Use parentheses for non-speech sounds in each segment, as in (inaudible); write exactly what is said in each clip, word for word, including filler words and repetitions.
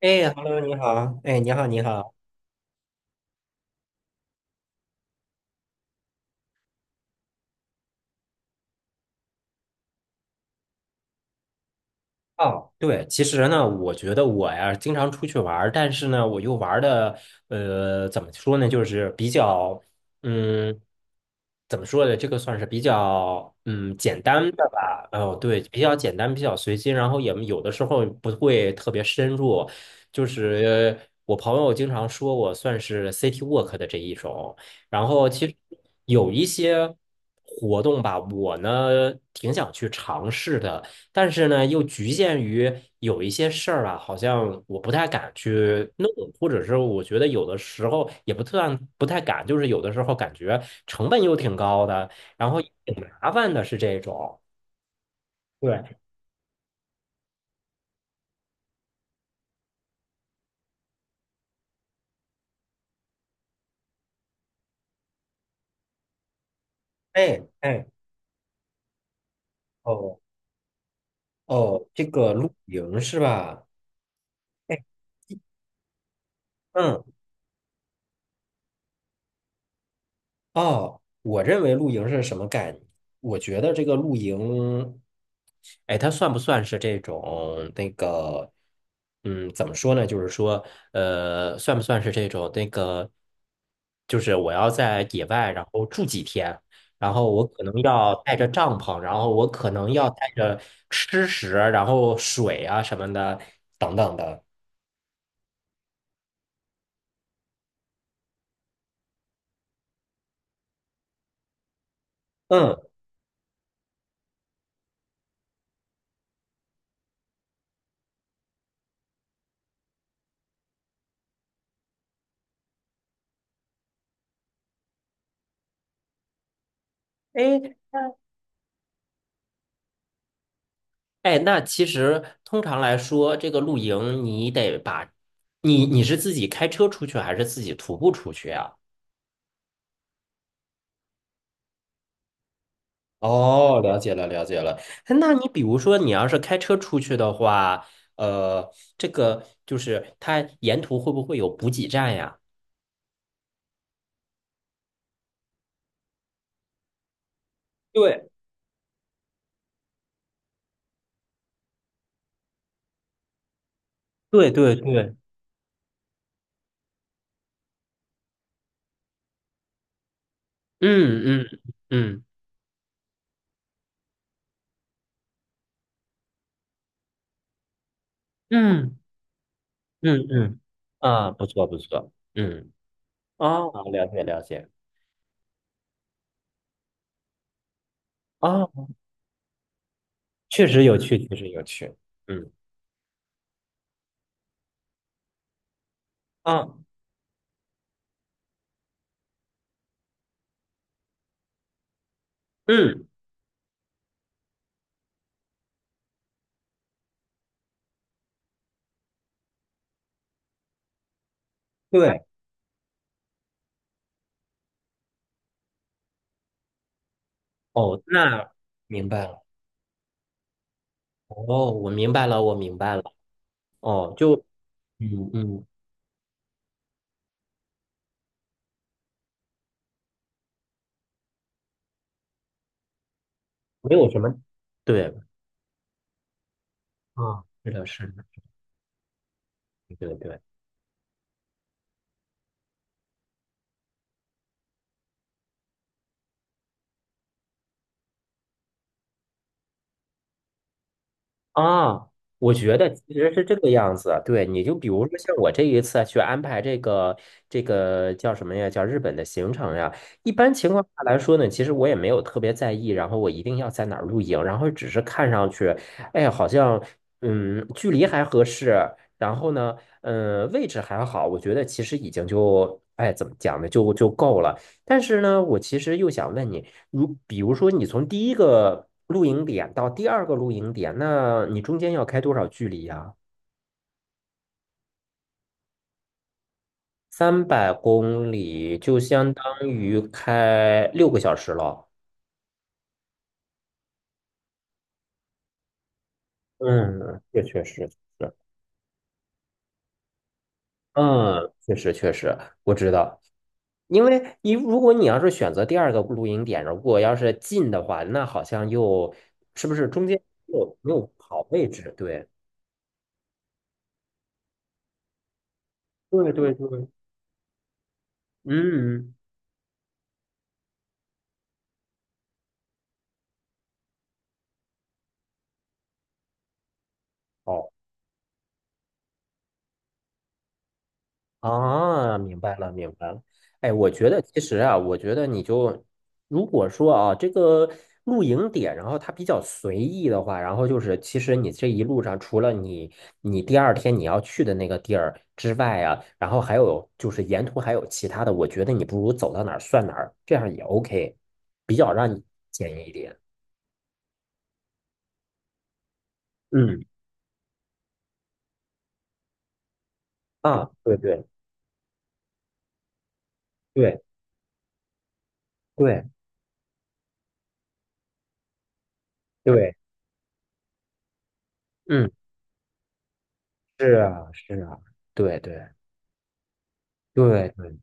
哎，Hello，你好，哎，你好，你好，哦，对，其实呢，我觉得我呀经常出去玩儿，但是呢，我又玩的呃，怎么说呢，就是比较嗯，怎么说呢，这个算是比较嗯简单的吧。哦，对，比较简单，比较随机，然后也有的时候不会特别深入。就是我朋友经常说我算是 City Walk 的这一种，然后其实有一些活动吧，我呢挺想去尝试的。但是呢，又局限于有一些事儿啊，好像我不太敢去弄，或者是我觉得有的时候也不算不太敢，就是有的时候感觉成本又挺高的，然后也挺麻烦的，是这种。对，哎哎，哦哦，这个露营是吧？哎，嗯。哦，我认为露营是什么概念？我觉得这个露营，哎，它算不算是这种那个，嗯，怎么说呢？就是说，呃，算不算是这种那个，就是我要在野外，然后住几天，然后我可能要带着帐篷，然后我可能要带着吃食，然后水啊什么的，等等的。嗯，哎。哎，那其实通常来说，这个露营你得把，你你是自己开车出去还是自己徒步出去呀？哦，了解了，了解了。哎那你比如说，你要是开车出去的话，呃，这个就是它沿途会不会有补给站呀？对，对对对，嗯嗯嗯嗯嗯嗯，啊，不错不错，嗯，哦，了解了解，哦，确实有趣，确实有趣，嗯啊，嗯。对，哦，那明白了。哦，我明白了，我明白了。哦，就嗯嗯，没有什么，对，啊，是的，是的，对对对啊，我觉得其实是这个样子啊。对，你就比如说像我这一次啊去安排这个这个叫什么呀？叫日本的行程呀。一般情况下来说呢，其实我也没有特别在意，然后我一定要在哪儿露营，然后只是看上去，哎，好像嗯，距离还合适，然后呢，嗯，位置还好，我觉得其实已经就哎怎么讲呢，就就够了。但是呢，我其实又想问你，如比如说你从第一个露营点到第二个露营点，那你中间要开多少距离呀？三百公里就相当于开六个小时了。嗯，这确实是，嗯，确实确实，我知道。因为你如果你要是选择第二个露营点，如果要是近的话，那好像又是不是中间又没有好位置？对，对对对，嗯。好。啊，明白了，明白了。哎，我觉得其实啊，我觉得你就如果说啊，这个露营点，然后它比较随意的话，然后就是其实你这一路上，除了你你第二天你要去的那个地儿之外啊，然后还有就是沿途还有其他的，我觉得你不如走到哪儿算哪儿，这样也 OK，比较让你简易一点。嗯，啊，对对对对对，嗯，是啊是啊，对对对对，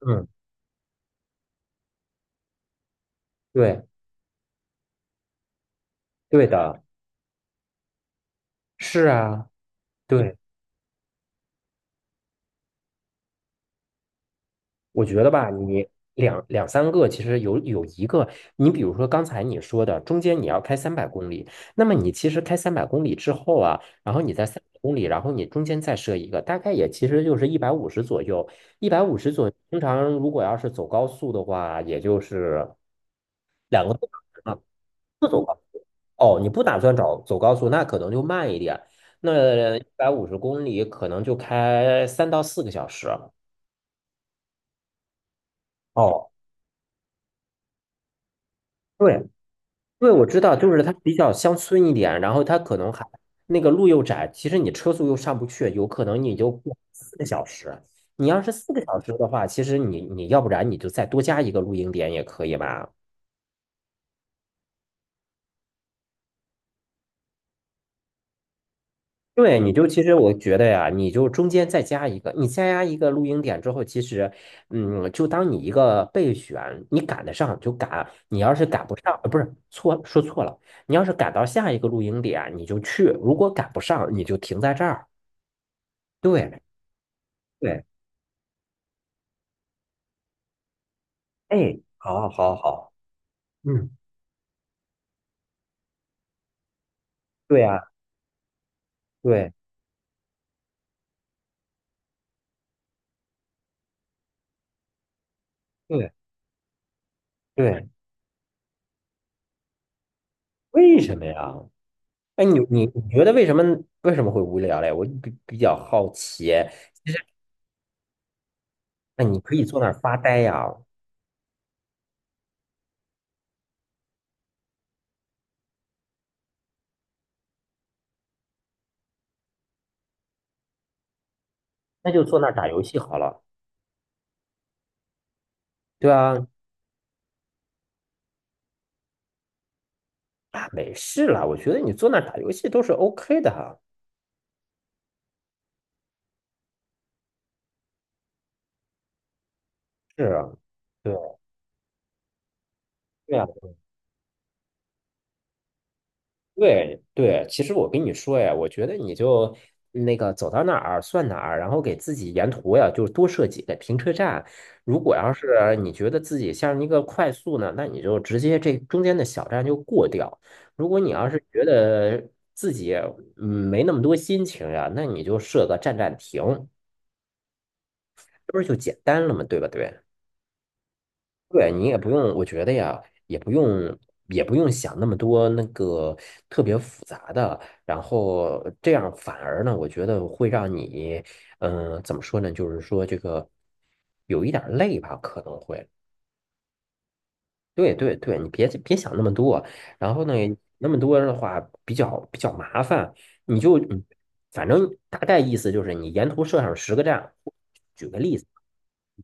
嗯。对，对的，是啊，对，我觉得吧，你两两三个，其实有有一个，你比如说刚才你说的，中间你要开三百公里，那么你其实开三百公里之后啊，然后你在三百公里，然后你中间再设一个，大概也其实就是一百五十左右，一百五十左右，通常如果要是走高速的话，也就是两个多小时嘛，不走高，哦，你不打算找走高速，那可能就慢一点，那一百五十公里可能就开三到四个小时。哦，对对，因为我知道，就是它比较乡村一点，然后它可能还那个路又窄，其实你车速又上不去，有可能你就过四个小时。你要是四个小时的话，其实你你要不然你就再多加一个露营点也可以吧？对，你就其实我觉得呀，你就中间再加一个，你再加一个露营点之后，其实，嗯，就当你一个备选，你赶得上就赶，你要是赶不上，呃，不是，错，说错了，你要是赶到下一个露营点，你就去，如果赶不上，你就停在这儿。对对，哎，好，好，好，嗯，对啊，对对对，为什么呀？哎，你你你觉得为什么为什么会无聊嘞？我比比较好奇。其实，哎，你可以坐那儿发呆呀，那就坐那儿打游戏好了。对啊，啊，没事了，我觉得你坐那儿打游戏都是 OK 的哈。是啊，对。对对，其实我跟你说呀，我觉得你就那个走到哪儿算哪儿，然后给自己沿途呀，就是多设几个停车站。如果要是你觉得自己像一个快速呢，那你就直接这中间的小站就过掉。如果你要是觉得自己嗯没那么多心情呀，那你就设个站站停，这不是就简单了吗？对吧？对。对你也不用，我觉得呀，也不用，也不用想那么多那个特别复杂的，然后这样反而呢，我觉得会让你，嗯、怎么说呢？就是说这个有一点儿累吧，可能会。对对对，你别别想那么多，然后呢，那么多的话比较比较麻烦，你就嗯 (smacks lips) 反正大概意思就是你沿途设上十个站，举个例子，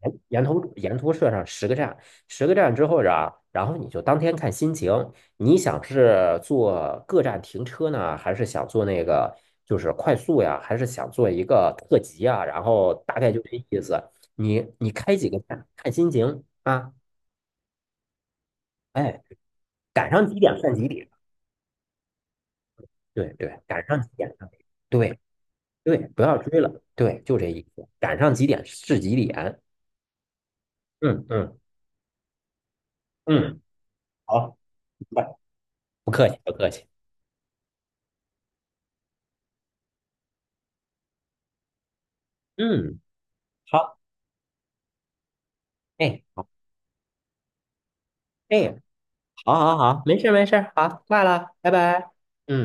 沿沿途沿途设上十个站，十个站之后啊，然后你就当天看心情，你想是坐各站停车呢，还是想坐那个就是快速呀，还是想做一个特急啊？然后大概就这意思，你你开几个站看心情啊。哎。赶上几点算几点，对对，赶上几点算几点对对，不要追了，对，就这意思，赶上几点是几点，嗯嗯嗯，好，不不客气不客气，嗯，好，哎好，哎，好好好，没事没事，好，挂了，拜拜，嗯。